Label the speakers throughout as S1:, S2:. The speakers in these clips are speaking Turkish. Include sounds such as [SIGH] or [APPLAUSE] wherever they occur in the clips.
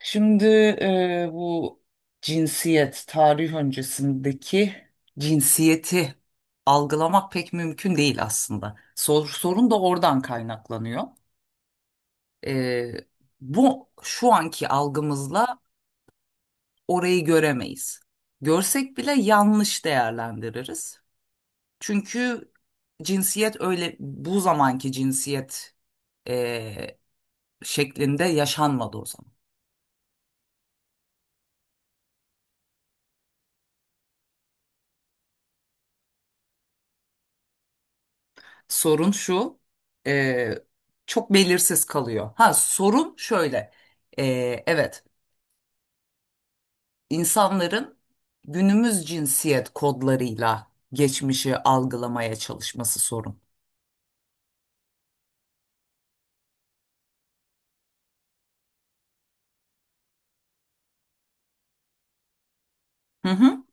S1: Şimdi bu cinsiyet, tarih öncesindeki cinsiyeti algılamak pek mümkün değil aslında. Sorun da oradan kaynaklanıyor. E, bu şu anki algımızla orayı göremeyiz. Görsek bile yanlış değerlendiririz. Çünkü cinsiyet öyle, bu zamanki cinsiyet e, şeklinde yaşanmadı o zaman. Sorun şu, e, çok belirsiz kalıyor. Ha, sorun şöyle, e, evet, insanların günümüz cinsiyet kodlarıyla geçmişi algılamaya çalışması sorun. Hı hı.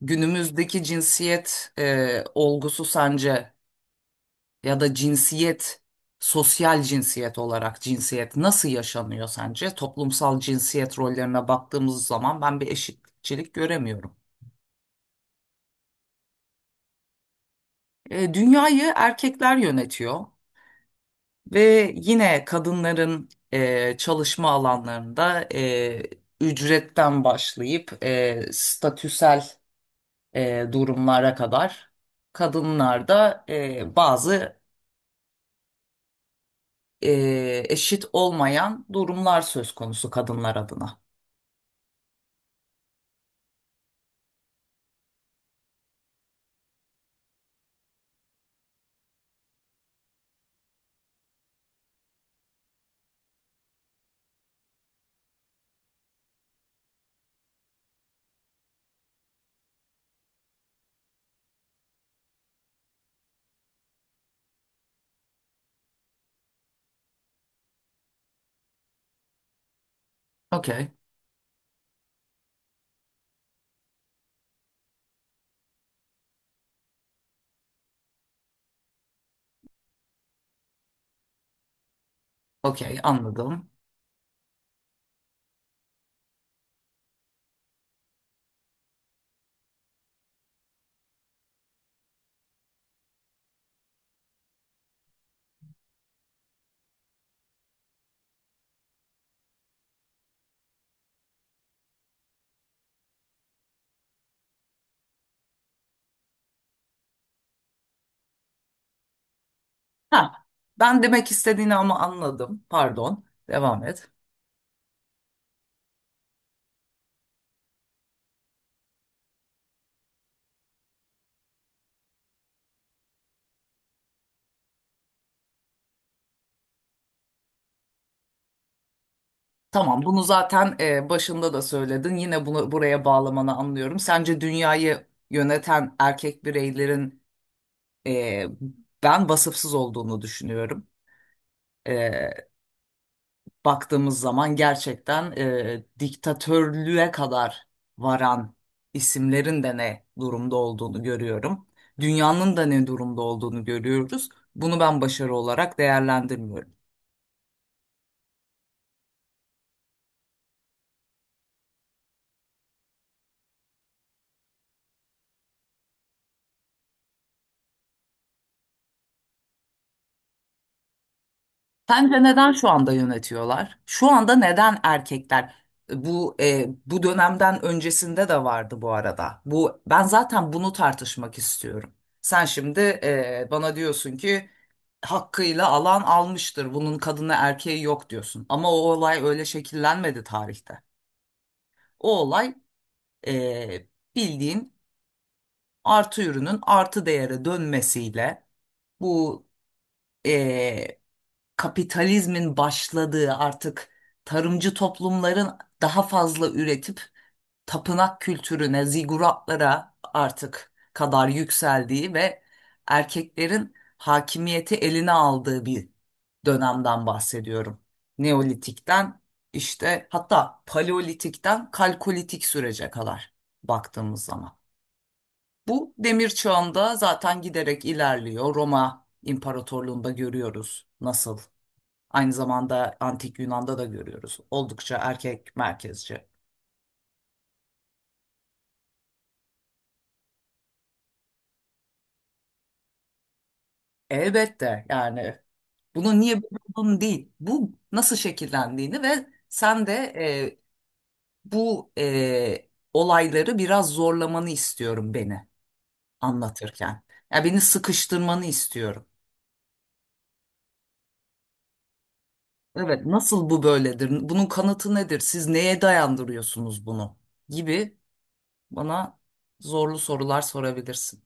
S1: Günümüzdeki cinsiyet olgusu sence, ya da cinsiyet, sosyal cinsiyet olarak cinsiyet nasıl yaşanıyor sence? Toplumsal cinsiyet rollerine baktığımız zaman ben bir eşitçilik göremiyorum. Dünyayı erkekler yönetiyor. Ve yine kadınların çalışma alanlarında ücretten başlayıp statüsel durumlara kadar kadınlarda bazı eşit olmayan durumlar söz konusu kadınlar adına. Okey, okey, anladım. Ha, ben demek istediğini ama anladım. Pardon, devam et. Tamam, bunu zaten başında da söyledin. Yine bunu buraya bağlamanı anlıyorum. Sence dünyayı yöneten erkek bireylerin, e, ben vasıfsız olduğunu düşünüyorum. E, baktığımız zaman gerçekten diktatörlüğe kadar varan isimlerin de ne durumda olduğunu görüyorum. Dünyanın da ne durumda olduğunu görüyoruz. Bunu ben başarı olarak değerlendirmiyorum. Sence neden şu anda yönetiyorlar? Şu anda neden erkekler? Bu dönemden öncesinde de vardı bu arada. Bu, ben zaten bunu tartışmak istiyorum. Sen şimdi bana diyorsun ki hakkıyla alan almıştır. Bunun kadını erkeği yok diyorsun. Ama o olay öyle şekillenmedi tarihte. O olay, e, bildiğin, artı ürünün artı değere dönmesiyle bu, e, kapitalizmin başladığı, artık tarımcı toplumların daha fazla üretip tapınak kültürüne, ziguratlara artık kadar yükseldiği ve erkeklerin hakimiyeti eline aldığı bir dönemden bahsediyorum. Neolitikten işte, hatta paleolitikten kalkolitik sürece kadar baktığımız zaman. Bu demir çağında zaten giderek ilerliyor. Roma İmparatorluğu'nda görüyoruz nasıl. Aynı zamanda Antik Yunan'da da görüyoruz. Oldukça erkek merkezci. Elbette, yani bunu niye buldun değil, bu nasıl şekillendiğini. Ve sen de bu olayları biraz zorlamanı istiyorum beni anlatırken. Ya, beni sıkıştırmanı istiyorum. Evet, nasıl bu böyledir? Bunun kanıtı nedir? Siz neye dayandırıyorsunuz bunu? gibi, bana zorlu sorular sorabilirsin.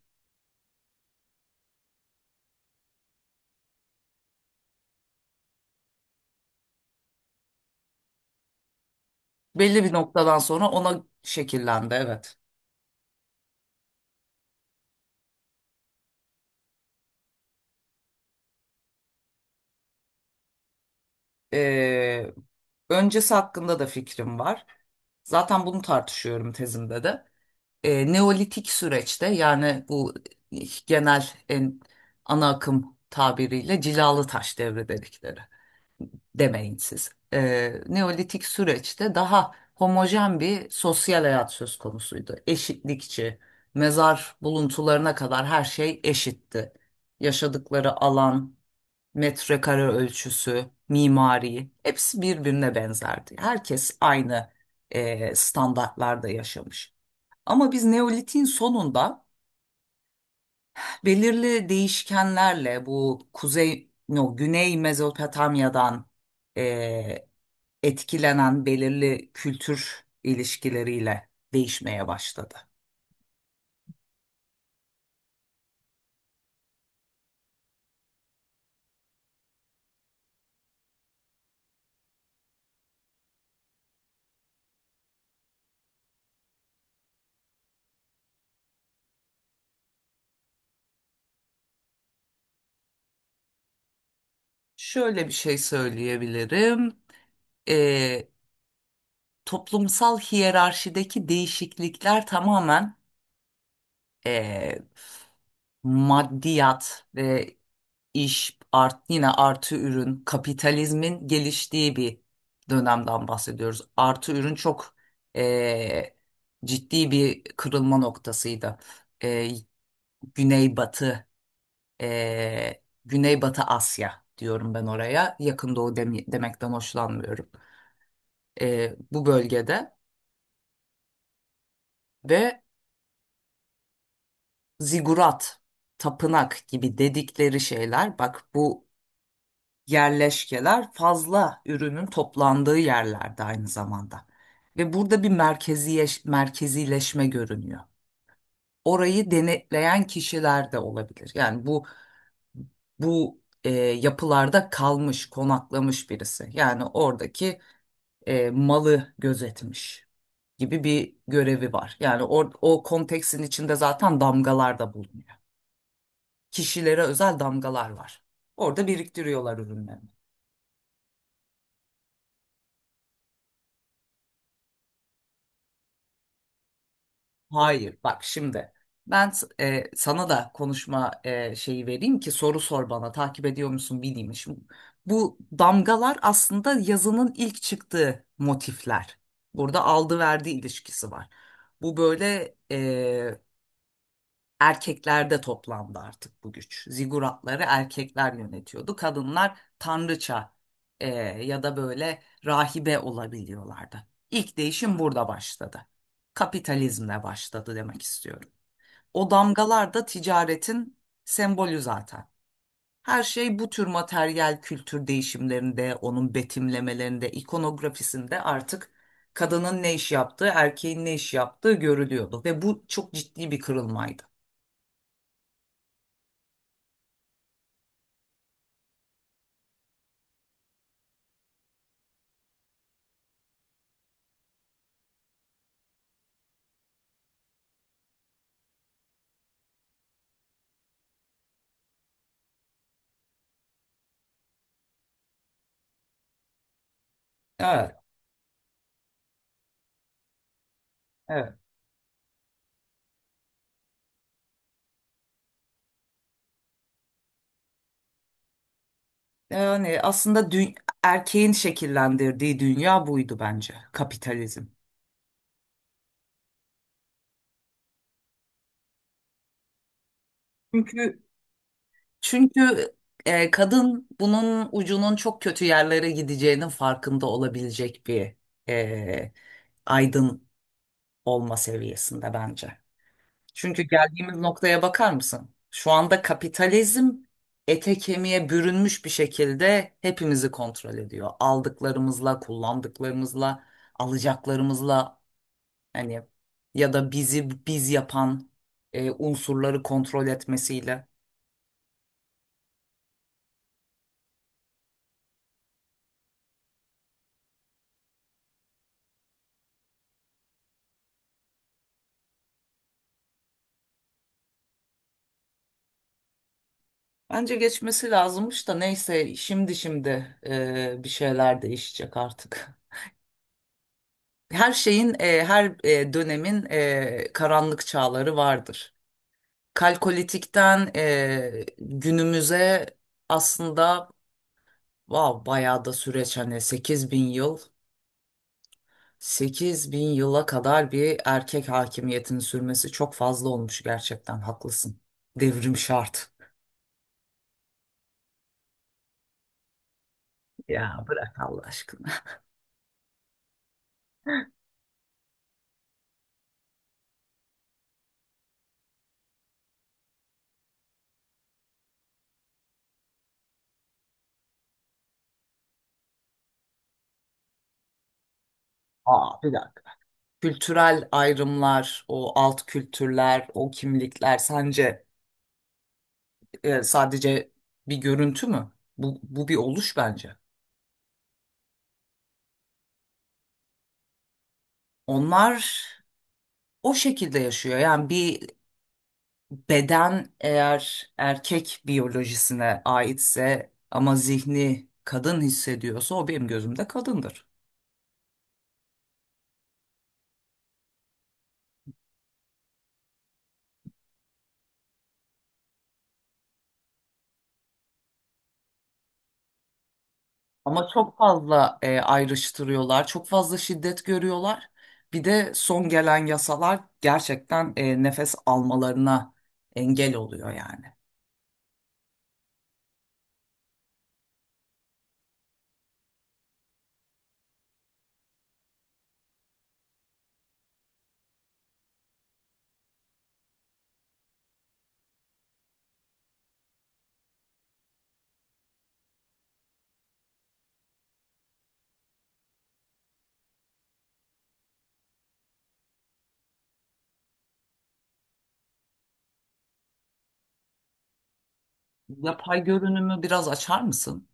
S1: Belli bir noktadan sonra ona şekillendi, evet. Ee, öncesi hakkında da fikrim var. Zaten bunu tartışıyorum tezimde de. Neolitik süreçte, yani bu genel en ana akım tabiriyle cilalı taş devri dedikleri, demeyin siz. Neolitik süreçte daha homojen bir sosyal hayat söz konusuydu. Eşitlikçi, mezar buluntularına kadar her şey eşitti. Yaşadıkları alan, metrekare ölçüsü, mimari, hepsi birbirine benzerdi. Herkes aynı standartlarda yaşamış. Ama biz Neolitik'in sonunda belirli değişkenlerle, bu kuzey, no, güney Mezopotamya'dan e, etkilenen belirli kültür ilişkileriyle değişmeye başladı. Şöyle bir şey söyleyebilirim. E, Toplumsal hiyerarşideki değişiklikler tamamen eee, maddiyat ve iş yine artı ürün, kapitalizmin geliştiği bir dönemden bahsediyoruz. Artı ürün çok eee, ciddi bir kırılma noktasıydı. Eee Güneybatı, Güneybatı Asya diyorum ben oraya. Yakın Doğu demekten hoşlanmıyorum. Bu bölgede ve zigurat, tapınak gibi dedikleri şeyler, bak, bu yerleşkeler fazla ürünün toplandığı yerlerde aynı zamanda. Ve burada bir merkezileşme görünüyor. Orayı denetleyen kişiler de olabilir. Yani bu, yapılarda kalmış, konaklamış birisi. Yani oradaki malı gözetmiş gibi bir görevi var. Yani o konteksin içinde zaten damgalar da bulunuyor. Kişilere özel damgalar var. Orada biriktiriyorlar ürünlerini. Hayır, bak şimdi ben sana da konuşma şeyi vereyim ki soru sor bana, takip ediyor musun bileyim. Şimdi bu damgalar aslında yazının ilk çıktığı motifler. Burada aldı verdi ilişkisi var. Bu böyle, erkeklerde toplandı artık bu güç. Ziguratları erkekler yönetiyordu. Kadınlar tanrıça, e, ya da böyle rahibe olabiliyorlardı. İlk değişim burada başladı. Kapitalizmle başladı demek istiyorum. O damgalar da ticaretin sembolü zaten. Her şey bu tür materyal kültür değişimlerinde, onun betimlemelerinde, ikonografisinde artık kadının ne iş yaptığı, erkeğin ne iş yaptığı görülüyordu ve bu çok ciddi bir kırılmaydı. Evet. Evet. Yani aslında erkeğin şekillendirdiği dünya buydu bence, kapitalizm. Çünkü çünkü kadın bunun ucunun çok kötü yerlere gideceğinin farkında olabilecek bir, e, aydın olma seviyesinde bence. Çünkü geldiğimiz noktaya bakar mısın? Şu anda kapitalizm ete kemiğe bürünmüş bir şekilde hepimizi kontrol ediyor. Aldıklarımızla, kullandıklarımızla, alacaklarımızla, hani, ya da bizi biz yapan unsurları kontrol etmesiyle. Bence geçmesi lazımmış da, neyse, şimdi bir şeyler değişecek artık. [LAUGHS] Her şeyin, her dönemin karanlık çağları vardır. Kalkolitikten günümüze aslında, wow, bayağı da süreç, hani 8000 yıl 8 bin yıla kadar bir erkek hakimiyetinin sürmesi çok fazla olmuş, gerçekten haklısın. Devrim şart. Ya bırak Allah aşkına. Aa, bir dakika. Kültürel ayrımlar, o alt kültürler, o kimlikler sence sadece bir görüntü mü? Bu bir oluş bence. Onlar o şekilde yaşıyor. Yani bir beden eğer erkek biyolojisine aitse ama zihni kadın hissediyorsa, o benim gözümde kadındır. Ama çok fazla ayrıştırıyorlar, çok fazla şiddet görüyorlar. Bir de son gelen yasalar gerçekten nefes almalarına engel oluyor yani. Yapay görünümü biraz açar mısın?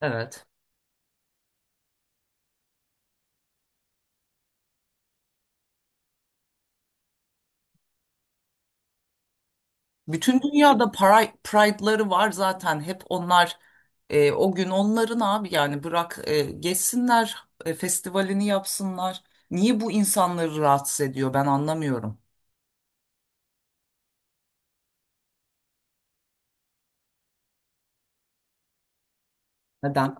S1: Evet. Bütün dünyada Pride'ları var zaten. Hep onlar o gün onların, abi yani bırak, geçsinler, festivalini yapsınlar. Niye bu insanları rahatsız ediyor, ben anlamıyorum. Neden?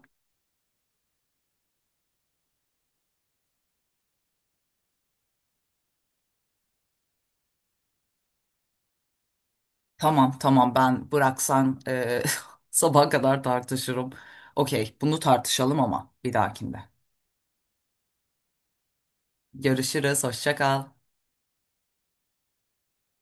S1: Tamam, tamam, ben bıraksan [LAUGHS] sabaha kadar tartışırım. Okey, bunu tartışalım ama bir dahakinde. Görüşürüz, hoşça kal.